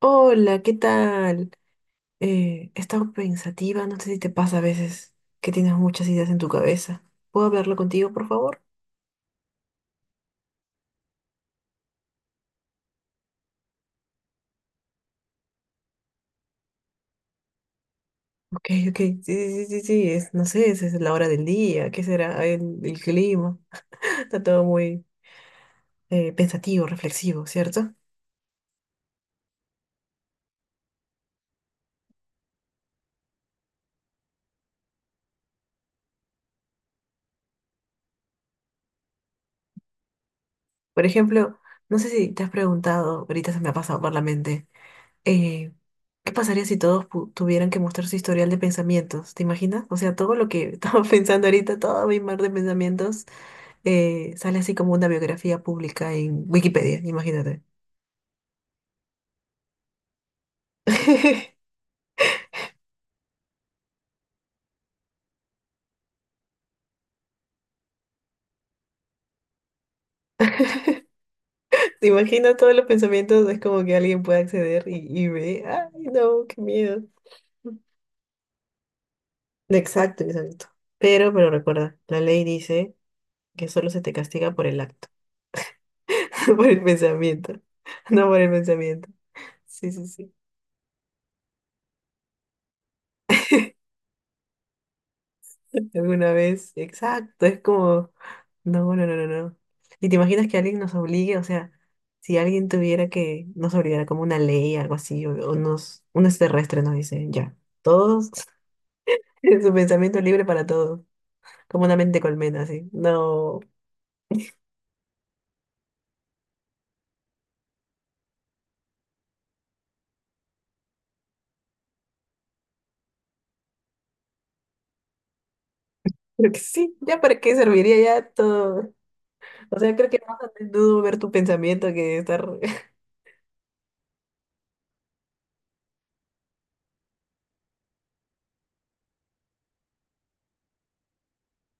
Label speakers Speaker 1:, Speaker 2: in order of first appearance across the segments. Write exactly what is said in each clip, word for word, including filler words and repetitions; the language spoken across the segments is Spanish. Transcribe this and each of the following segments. Speaker 1: Hola, ¿qué tal? Eh, he estado pensativa, no sé si te pasa a veces que tienes muchas ideas en tu cabeza. ¿Puedo hablarlo contigo, por favor? Ok, ok, sí, sí, sí, sí, es, no sé, es, es la hora del día, ¿qué será? El, el clima. Está todo muy eh, pensativo, reflexivo, ¿cierto? Por ejemplo, no sé si te has preguntado, ahorita se me ha pasado por la mente, eh, ¿qué pasaría si todos pu- tuvieran que mostrar su historial de pensamientos? ¿Te imaginas? O sea, todo lo que estaba pensando ahorita, todo mi mar de pensamientos. eh, sale así como una biografía pública en Wikipedia, imagínate. Te imagino todos los pensamientos, es como que alguien puede acceder y, y ve, ay, no, qué miedo. Exacto, exacto. Pero, pero recuerda, la ley dice que solo se te castiga por el acto, por el pensamiento, no por el pensamiento. Sí, sí, sí. Alguna vez. Exacto, es como, no, no, no, no, no. ¿Y te imaginas que alguien nos obligue? O sea, si alguien tuviera que nos obligara como una ley, algo así, o, o nos, un extraterrestre nos dice, ya, todos, su pensamiento libre para todos, como una mente colmena, así. No, creo que sí, ya para qué serviría ya todo. O sea, creo que más a menudo ver tu pensamiento que estar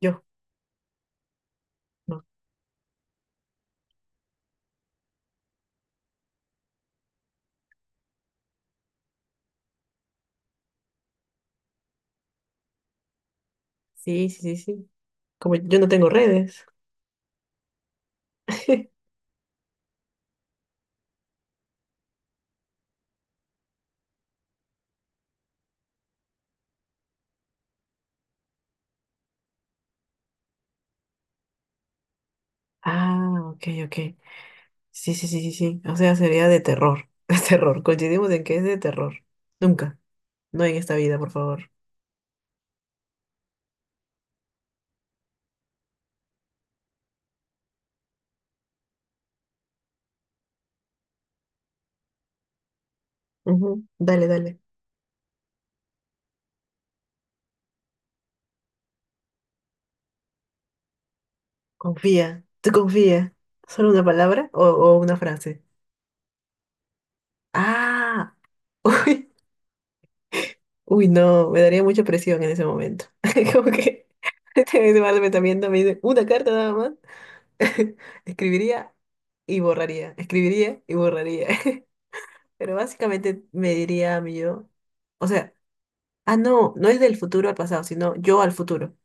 Speaker 1: yo. No. Sí, sí, sí, sí. Como yo no tengo redes. Ah, ok, ok. Sí, sí, sí, sí, sí. O sea, sería de terror. De terror. Coincidimos en que es de terror. Nunca. No en esta vida, por favor. Ujú. Dale, dale. Confía. Tú confía. ¿Solo una palabra o, o una frase? Ah. Uy. Uy, no. Me daría mucha presión en ese momento. Como que este me viendo, me dice una carta nada más. Escribiría y borraría. Escribiría y borraría. Pero básicamente me diría a mí yo. O sea. Ah, no, no es del futuro al pasado, sino yo al futuro.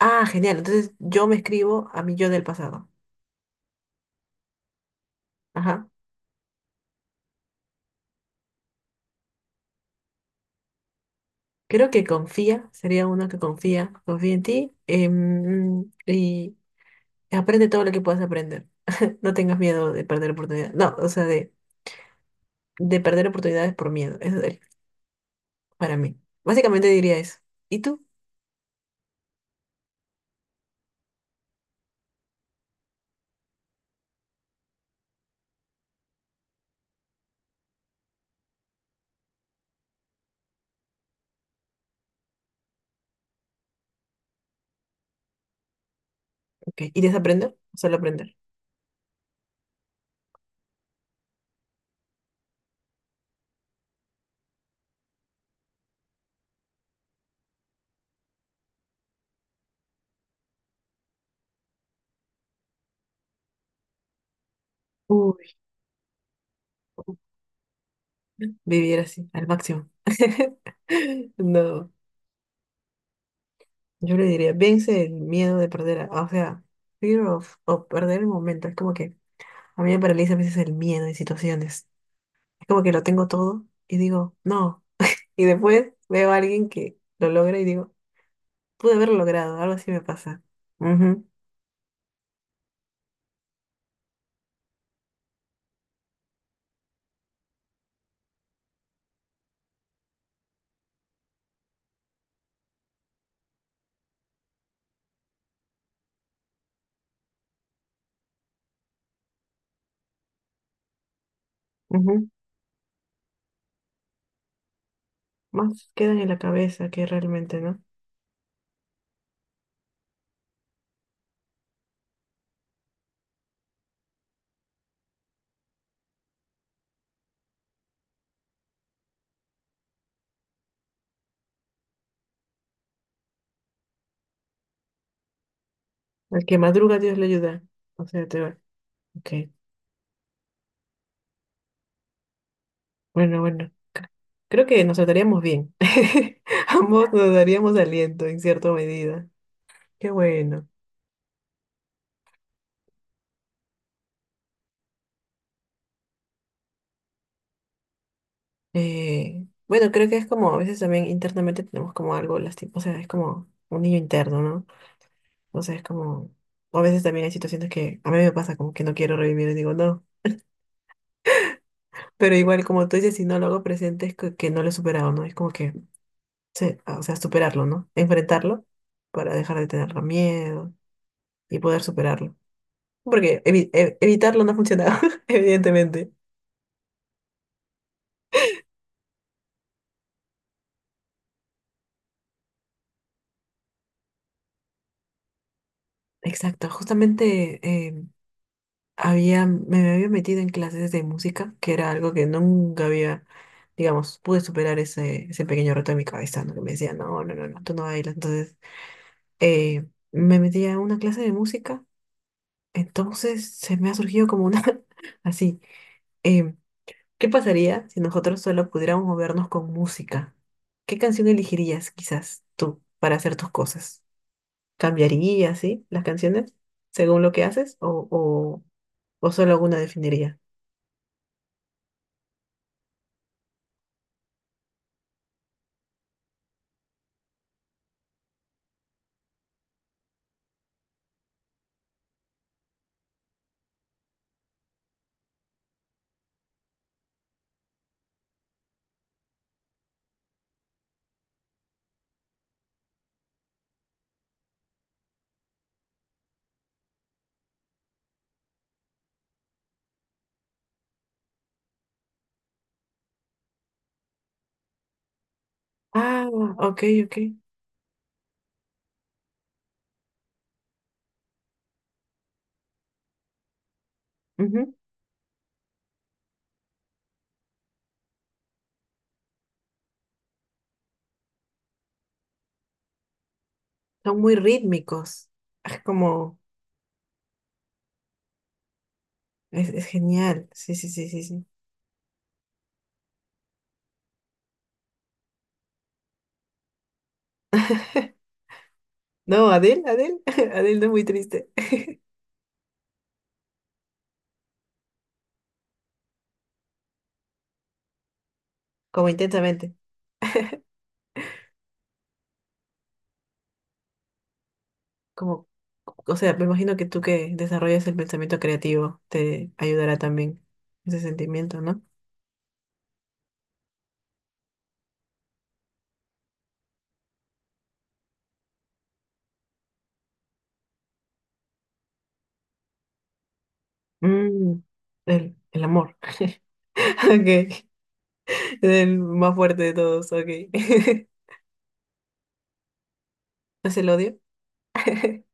Speaker 1: Ah, genial. Entonces yo me escribo a mi yo del pasado. Ajá. Creo que confía, sería uno que confía, confía en ti em, y aprende todo lo que puedas aprender. No tengas miedo de perder oportunidades. No, o sea, de, de perder oportunidades por miedo. Eso es para mí. Básicamente diría eso. ¿Y tú? Ok. ¿Y desaprender? O solo aprender. Uy, vivir así, al máximo. No. Yo le diría, vence el miedo de perder, a- o sea, fear of, of perder el momento. Es como que a mí me paraliza a veces el miedo en situaciones. Es como que lo tengo todo y digo, no. Y después veo a alguien que lo logra y digo, pude haberlo logrado, algo así me pasa. Ujú, ujú. Más quedan en la cabeza que realmente, ¿no? Al que madruga, Dios le ayuda. O sea, te va. Ok, bueno, bueno. Creo que nos trataríamos bien. Ambos nos daríamos aliento en cierta medida. Qué bueno. Eh, bueno, creo que es como a veces también internamente tenemos como algo lastimoso, o sea, es como un niño interno, ¿no? O sea, es como, o a veces también hay situaciones que a mí me pasa como que no quiero revivir y digo no, pero igual como tú dices, si no lo hago presente es que, que no lo he superado, ¿no? Es como que, se- o sea, superarlo, ¿no? Enfrentarlo para dejar de tener miedo y poder superarlo. Porque evi- e- evitarlo no ha funcionado, evidentemente. Exacto, justamente había, me había metido en clases de música, que era algo que nunca había, digamos, pude superar ese, ese pequeño reto de mi cabeza, ¿no? Que me decía, no, no, no, no, tú no bailas. Entonces, eh, me metí a una clase de música, entonces se me ha surgido como una, así, em, ¿qué pasaría si nosotros solo pudiéramos movernos con música? ¿Qué canción elegirías quizás tú para hacer tus cosas? ¿Cambiarías, sí, las canciones según lo que haces o, o, o solo alguna definirías? Ah, ok, ok. Ujú. Son muy rítmicos. Es como, es, es genial. Sí, sí, sí, sí, sí. No, Adele, Adele, Adele no es muy triste. Como intensamente. Como, o sea, me imagino que tú que desarrollas el pensamiento creativo te ayudará también ese sentimiento, ¿no? Mm, el, el amor. Ok. El más fuerte de todos, ok. ¿Es el odio?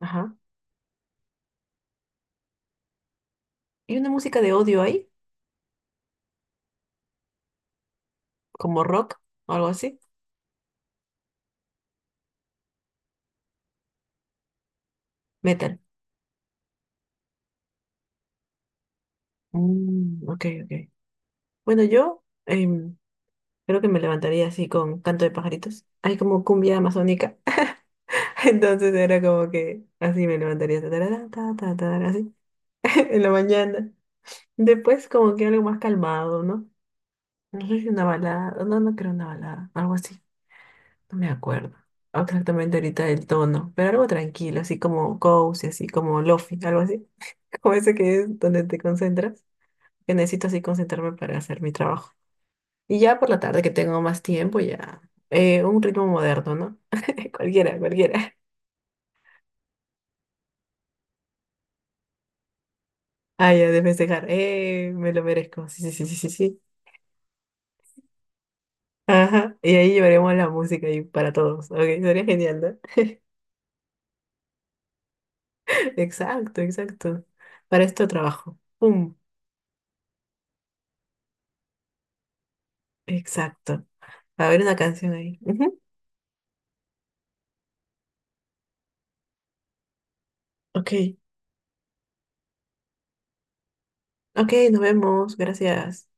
Speaker 1: Ajá. ¿Y una música de odio ahí? ¿Como rock o algo así? Metal. Mm, ok, ok. Bueno, yo em, creo que me levantaría así con canto de pajaritos. Hay como cumbia amazónica. Entonces era como que así me levantaría. Ta, tarara, ta, ta, tarara, así en la mañana. Después como que algo más calmado, ¿no? No sé si una balada. No, no creo una balada. Algo así. No me acuerdo exactamente ahorita el tono. Pero algo tranquilo, así como cozy, así como lofi, algo así. Como ese que es donde te concentras. Que necesito así concentrarme para hacer mi trabajo. Y ya por la tarde que tengo más tiempo, ya eh, un ritmo moderno, ¿no? Cualquiera, cualquiera. Ah, ya de festejar. Eh, me lo merezco. Sí, sí, sí, sí, sí, sí. Ajá. Y ahí llevaremos la música ahí para todos. Ok, sería genial, ¿no? Exacto, exacto. Para esto trabajo. Pum. Exacto. A ver una canción ahí. Ujú. Ok, ok, nos vemos. Gracias.